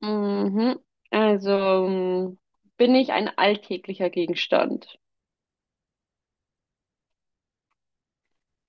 Mhm. Also bin ich ein alltäglicher Gegenstand?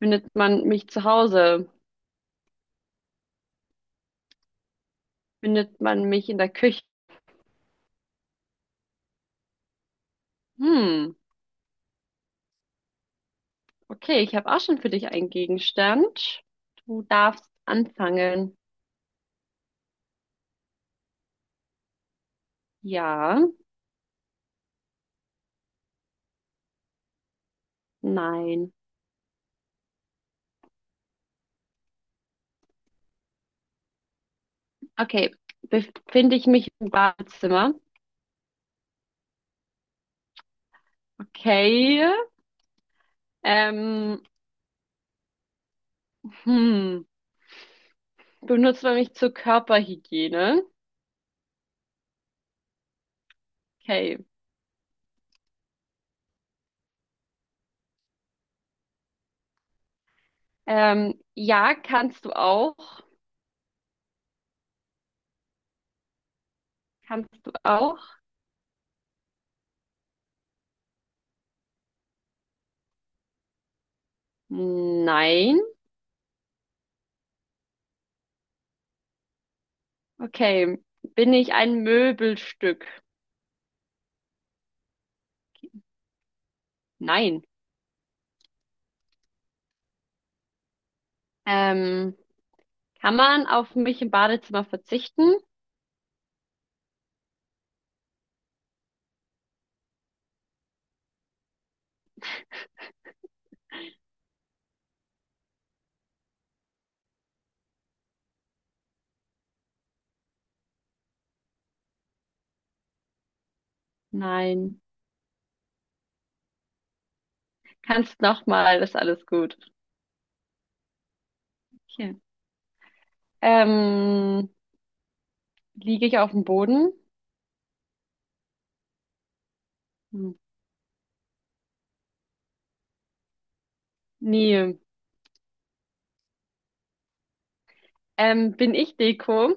Findet man mich zu Hause? Findet man mich in der Küche? Hm, okay, ich habe auch schon für dich einen Gegenstand. Du darfst anfangen. Ja, nein. Okay, befinde ich mich im Badezimmer? Okay. Ähm, hm, benutzt man mich zur Körperhygiene? Okay. Ja, kannst du auch. Kannst du auch. Nein. Okay. Bin ich ein Möbelstück? Nein. Ähm, kann man auf mich im Badezimmer verzichten? Nein. Kannst nochmal, ist alles gut. Okay. Ähm, liege ich auf dem Boden? Hm, nee. Bin ich Deko?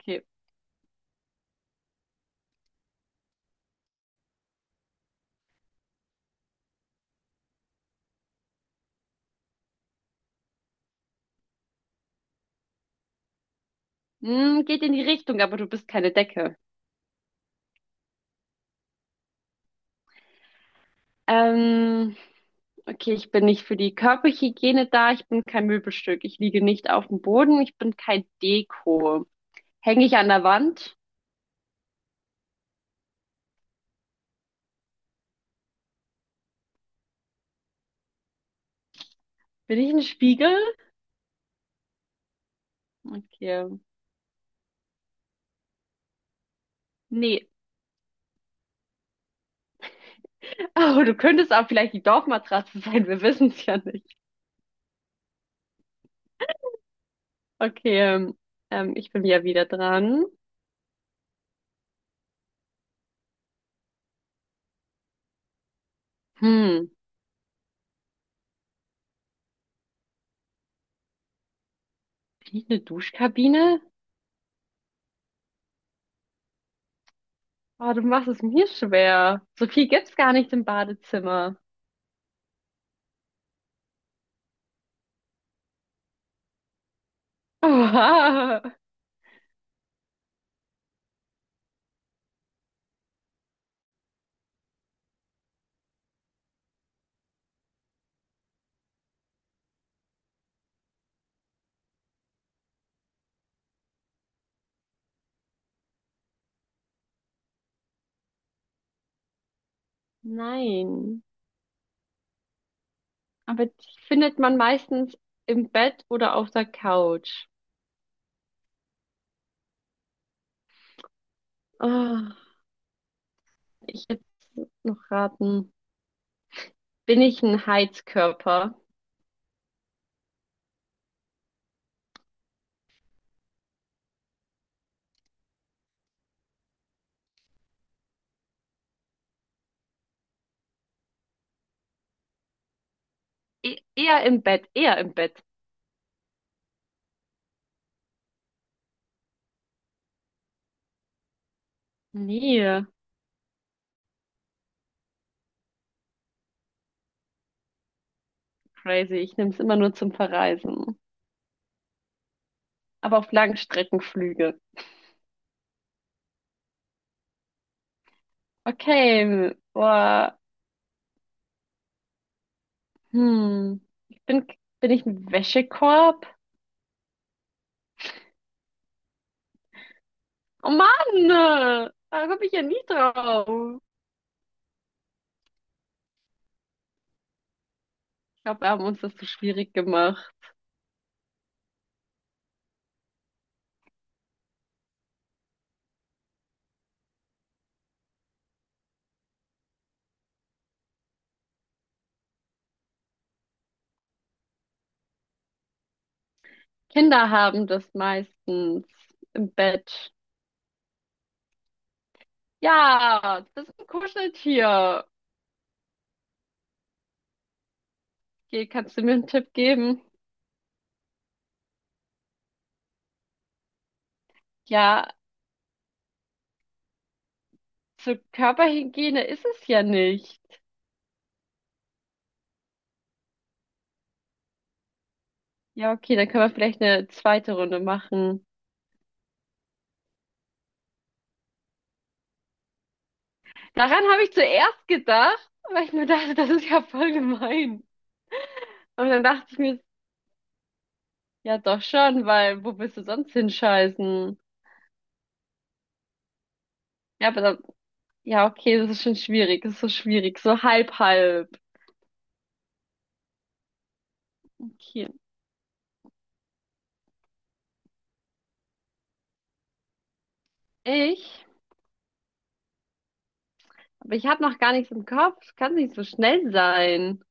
Okay. Geht in die Richtung, aber du bist keine Decke. Ähm, okay, ich bin nicht für die Körperhygiene da, ich bin kein Möbelstück, ich liege nicht auf dem Boden, ich bin kein Deko. Hänge ich an der Wand? Bin ich ein Spiegel? Okay. Nee. Oh, du könntest auch vielleicht die Dorfmatratze sein. Wir wissen es ja nicht. Okay. Ich bin ja wieder dran. Hm. Bin ich eine Duschkabine? Oh, du machst es mir schwer. So viel gibt's gar nicht im Badezimmer. Oha. Nein. Aber die findet man meistens im Bett oder auf der Couch. Oh, ich hätte noch raten. Bin ich ein Heizkörper? E eher im Bett, eher im Bett. Nee, crazy. Ich nehme es immer nur zum Verreisen. Aber auf Langstreckenflüge. Okay, boah. Hm. Ich bin, bin ich ein Wäschekorb? Oh Mann, da komme ich ja nie drauf. Ich glaube, wir haben uns das zu schwierig gemacht. Kinder haben das meistens im Bett. Ja, das ist ein Kuscheltier. Okay, kannst du mir einen Tipp geben? Ja, zur Körperhygiene ist es ja nicht. Ja, okay, dann können wir vielleicht eine zweite Runde machen. Daran habe ich zuerst gedacht, weil ich mir dachte, das ist ja voll gemein. Und dann dachte ich mir, ja doch schon, weil wo willst du sonst hinscheißen? Ja, aber dann, ja, okay, das ist schon schwierig, das ist so schwierig, so halb halb. Okay, ich, aber ich habe noch gar nichts im Kopf, kann nicht so schnell sein.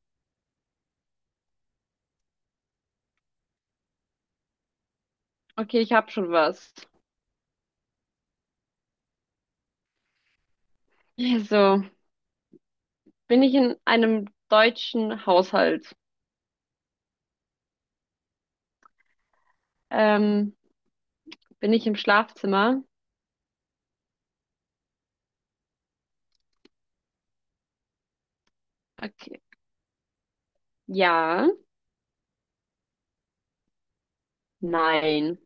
Okay, ich habe schon was. Also, bin ich in einem deutschen Haushalt? Ähm, bin ich im Schlafzimmer? Okay, ja. Nein.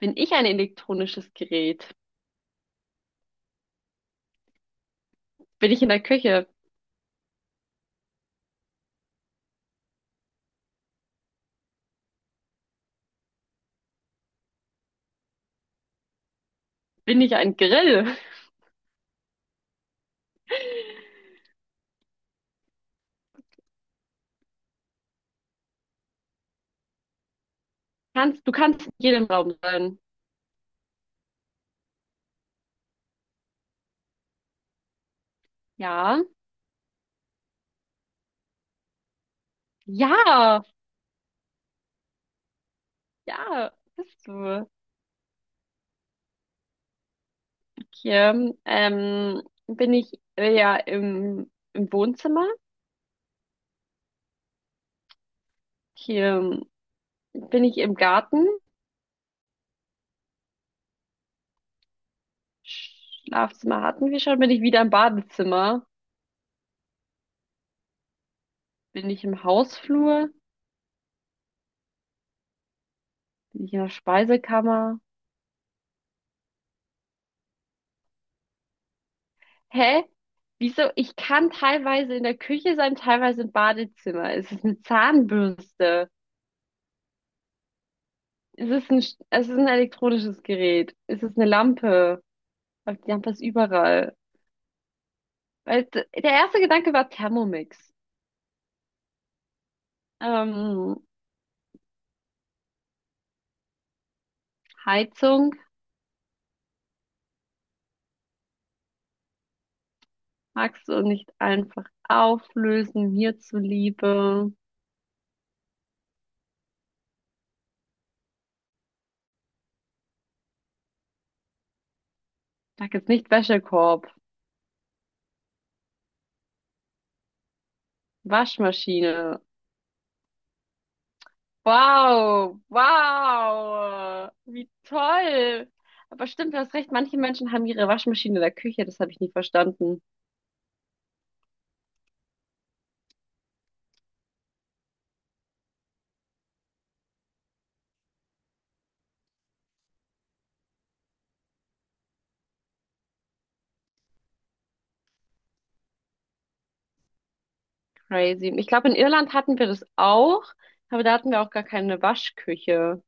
Bin ich ein elektronisches Gerät? Bin ich in der Küche? Bin ich ein Grill? Kannst, du kannst in jedem Raum sein. Ja. Ja. Ja. Bist du. Okay. Bin ich ja im Wohnzimmer? Hier bin ich im Garten. Schlafzimmer hatten wir schon. Bin ich wieder im Badezimmer? Bin ich im Hausflur? Bin ich in der Speisekammer? Hä? Wieso? Ich kann teilweise in der Küche sein, teilweise im Badezimmer. Ist es eine Zahnbürste? Ist es ein, Sch- es ist ein elektronisches Gerät? Ist es eine Lampe? Aber die Lampe ist überall. Weil der erste Gedanke war Thermomix. Ähm, Heizung, magst du nicht einfach auflösen, mir zuliebe? Sag jetzt nicht Wäschekorb, Waschmaschine. Wow, wow, wie toll. Aber stimmt, du hast recht, manche Menschen haben ihre Waschmaschine in der Küche, das habe ich nie verstanden. Crazy. Ich glaube, in Irland hatten wir das auch, aber da hatten wir auch gar keine Waschküche.